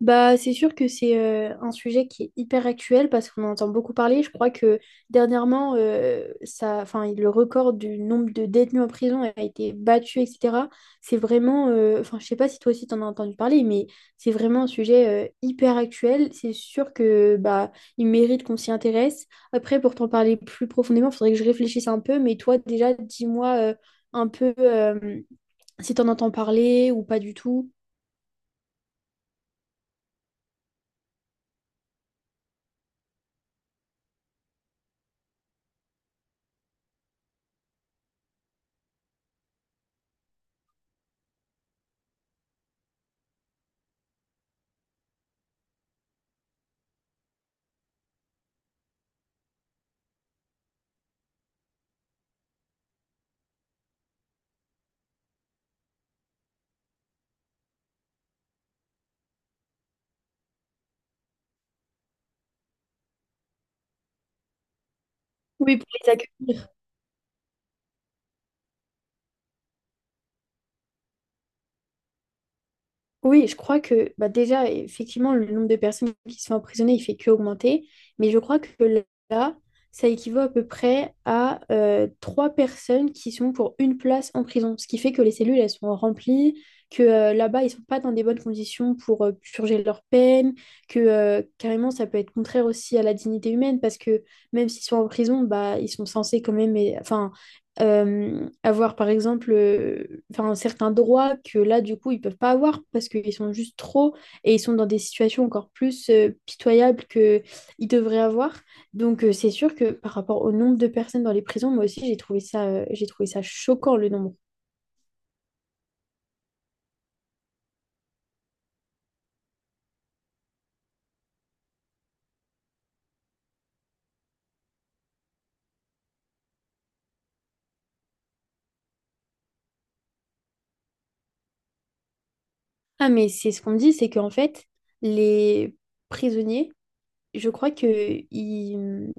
Bah, c'est sûr que c'est un sujet qui est hyper actuel parce qu'on en entend beaucoup parler. Je crois que dernièrement, le record du nombre de détenus en prison a été battu, etc. C'est vraiment, enfin, je sais pas si toi aussi t'en as entendu parler, mais c'est vraiment un sujet hyper actuel. C'est sûr que bah, il mérite qu'on s'y intéresse. Après, pour t'en parler plus profondément, il faudrait que je réfléchisse un peu. Mais toi, déjà, dis-moi un peu si t'en entends parler ou pas du tout. Oui, pour les accueils. Oui, je crois que bah déjà, effectivement, le nombre de personnes qui se font emprisonner, il fait que augmenter. Mais je crois que là, ça équivaut à peu près à trois personnes qui sont pour une place en prison. Ce qui fait que les cellules, elles sont remplies, que là-bas, ils sont pas dans des bonnes conditions pour purger leur peine, que carrément, ça peut être contraire aussi à la dignité humaine, parce que même s'ils sont en prison, bah, ils sont censés quand même, enfin, avoir par exemple enfin, certains droits que là du coup ils peuvent pas avoir parce qu'ils sont juste trop et ils sont dans des situations encore plus pitoyables que ils devraient avoir. Donc c'est sûr que par rapport au nombre de personnes dans les prisons, moi aussi j'ai trouvé ça choquant le nombre. Ah mais c'est ce qu'on me dit, c'est qu'en fait les prisonniers je crois que il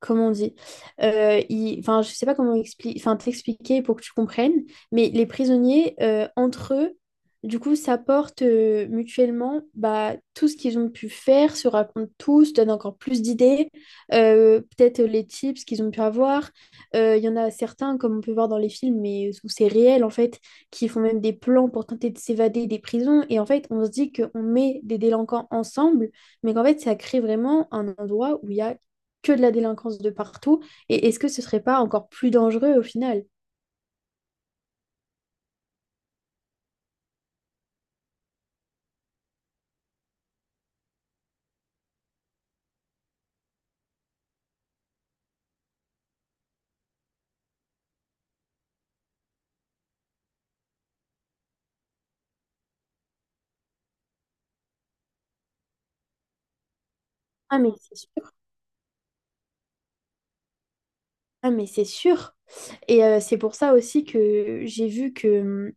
comment on dit. Enfin je sais pas comment enfin t'expliquer pour que tu comprennes, mais les prisonniers entre eux du coup s'apportent mutuellement bah tout ce qu'ils ont pu faire, se racontent tous, donnent encore plus d'idées, peut-être les tips qu'ils ont pu avoir. Il y en a certains, comme on peut voir dans les films mais où c'est réel en fait, qui font même des plans pour tenter de s'évader des prisons, et en fait on se dit qu'on met des délinquants ensemble mais qu'en fait, ça crée vraiment un endroit où il y a que de la délinquance de partout. Et est-ce que ce serait pas encore plus dangereux au final? Ah, mais c'est sûr. Ah, mais c'est sûr. Et c'est pour ça aussi que j'ai vu que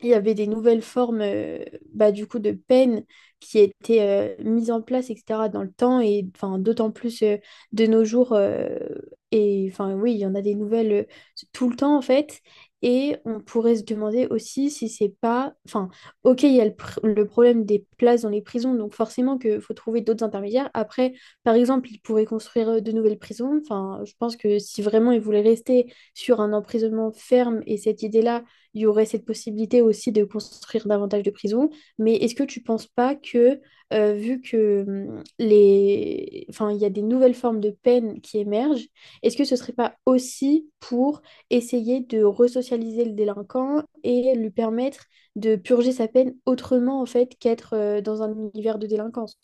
il y avait des nouvelles formes, bah, du coup, de peine qui étaient mises en place, etc, dans le temps, et enfin d'autant plus de nos jours, et enfin oui il y en a des nouvelles tout le temps en fait. Et on pourrait se demander aussi si c'est pas, enfin, ok, il y a le problème des places dans les prisons, donc forcément que faut trouver d'autres intermédiaires. Après, par exemple, ils pourraient construire de nouvelles prisons. Enfin, je pense que si vraiment ils voulaient rester sur un emprisonnement ferme et cette idée-là, il y aurait cette possibilité aussi de construire davantage de prisons. Mais est-ce que tu ne penses pas que, vu que les... enfin, il y a des nouvelles formes de peine qui émergent, est-ce que ce ne serait pas aussi pour essayer de resocialiser le délinquant et lui permettre de purger sa peine autrement, en fait, qu'être dans un univers de délinquance?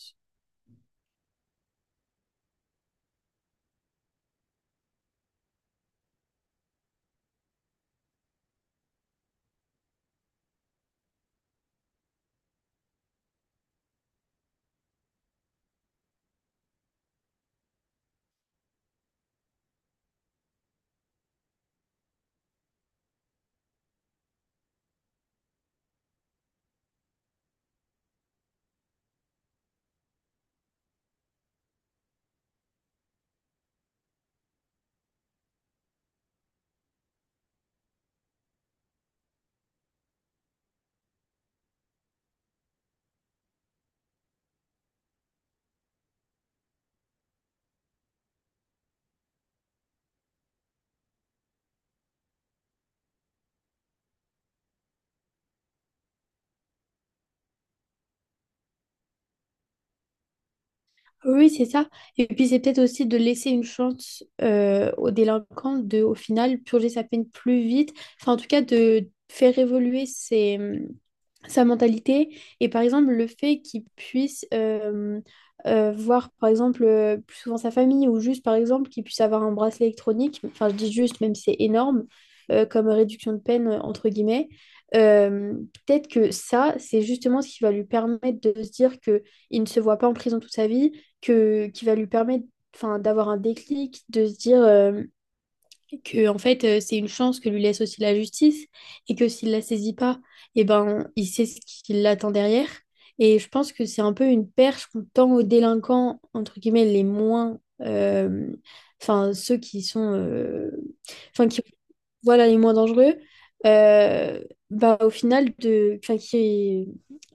Oui, c'est ça. Et puis c'est peut-être aussi de laisser une chance au délinquant de, au final, purger sa peine plus vite. Enfin, en tout cas, de faire évoluer ses, sa mentalité, et par exemple le fait qu'il puisse voir par exemple plus souvent sa famille, ou juste par exemple qu'il puisse avoir un bracelet électronique. Enfin, je dis juste, même si c'est énorme comme réduction de peine, entre guillemets, euh, peut-être que ça c'est justement ce qui va lui permettre de se dire que il ne se voit pas en prison toute sa vie, que qui va lui permettre enfin d'avoir un déclic, de se dire que en fait c'est une chance que lui laisse aussi la justice, et que s'il la saisit pas, eh ben il sait ce qui l'attend derrière. Et je pense que c'est un peu une perche qu'on tend aux délinquants, entre guillemets, les moins enfin ceux qui sont, enfin qui, voilà, les moins dangereux, euh, bah au final de, enfin, qui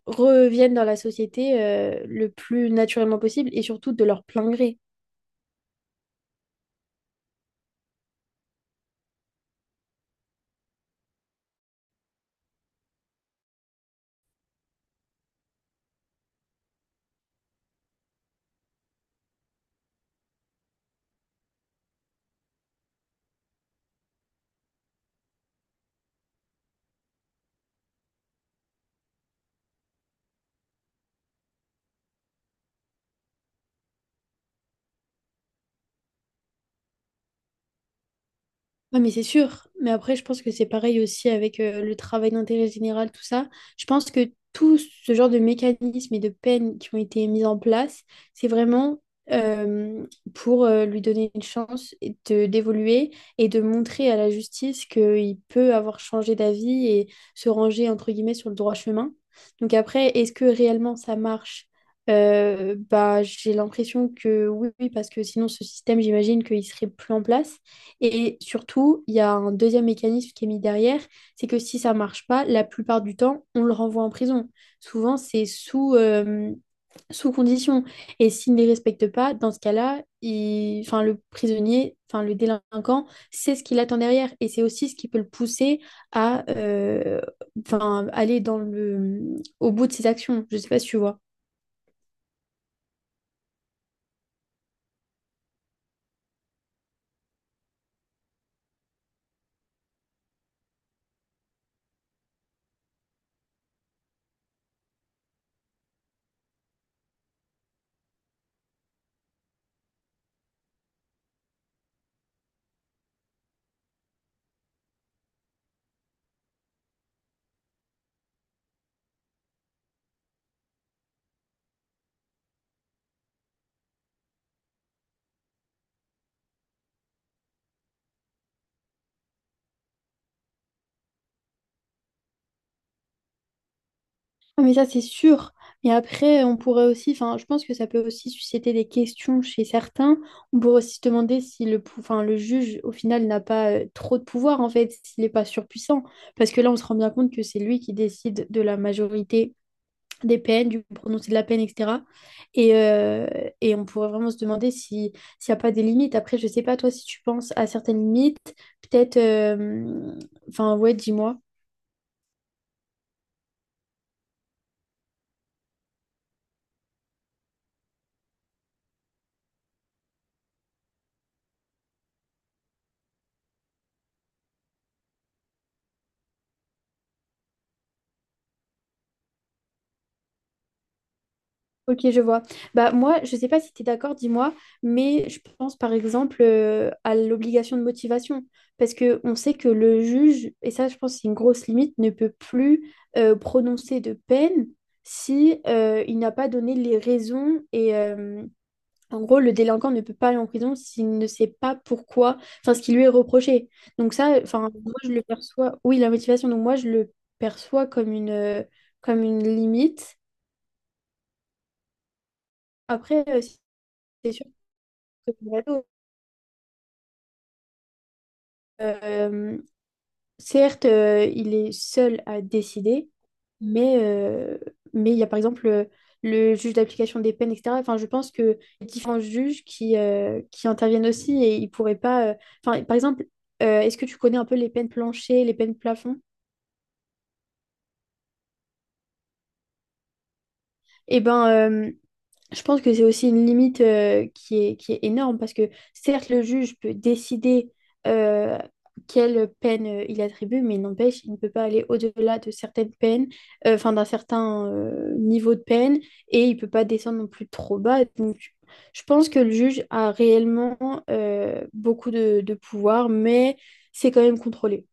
reviennent dans la société le plus naturellement possible, et surtout de leur plein gré. Ah, mais c'est sûr. Mais après, je pense que c'est pareil aussi avec le travail d'intérêt général, tout ça. Je pense que tout ce genre de mécanismes et de peines qui ont été mis en place, c'est vraiment euh, pour lui donner une chance et d'évoluer, et de montrer à la justice qu'il peut avoir changé d'avis et se ranger, entre guillemets, sur le droit chemin. Donc après, est-ce que réellement ça marche? Bah, j'ai l'impression que oui, oui, parce que sinon ce système, j'imagine qu'il serait plus en place. Et surtout, il y a un deuxième mécanisme qui est mis derrière, c'est que si ça marche pas, la plupart du temps, on le renvoie en prison. Souvent, c'est sous condition. Et s'il ne les respecte pas, dans ce cas-là, il... enfin, le prisonnier, enfin, le délinquant, c'est ce qu'il attend derrière. Et c'est aussi ce qui peut le pousser à enfin, aller dans le... au bout de ses actions. Je ne sais pas si tu vois. Ah, mais ça, c'est sûr. Et après, on pourrait aussi, enfin, je pense que ça peut aussi susciter des questions chez certains. On pourrait aussi se demander si le juge, au final, n'a pas trop de pouvoir, en fait, s'il n'est pas surpuissant. Parce que là, on se rend bien compte que c'est lui qui décide de la majorité des peines, du prononcé de la peine, etc. Et, euh, et on pourrait vraiment se demander si, s'il n'y a pas des limites. Après, je sais pas, toi, si tu penses à certaines limites, peut-être, enfin, ouais, dis-moi. Ok, je vois. Bah, moi, je sais pas si tu es d'accord, dis-moi, mais je pense par exemple à l'obligation de motivation. Parce que on sait que le juge, et ça je pense que c'est une grosse limite, ne peut plus prononcer de peine si il n'a pas donné les raisons. Et en gros, le délinquant ne peut pas aller en prison s'il ne sait pas pourquoi, enfin ce qui lui est reproché. Donc ça, enfin, moi je le perçois, oui, la motivation, donc moi je le perçois comme comme une, limite. Après, si c'est Colorado, euh, certes, il est seul à décider, mais euh, mais il y a par exemple le juge d'application des peines, etc. Enfin, je pense que il y a différents juges qui interviennent aussi, et ils pourraient pas. Enfin, par exemple, est-ce que tu connais un peu les peines planchers, les peines plafond? Eh ben, je pense que c'est aussi une limite qui est énorme, parce que certes, le juge peut décider euh, quelle peine il attribue, mais n'empêche, il ne peut pas aller au-delà de certaines peines, enfin d'un certain niveau de peine, et il ne peut pas descendre non plus trop bas. Donc, je pense que le juge a réellement beaucoup de pouvoir, mais c'est quand même contrôlé.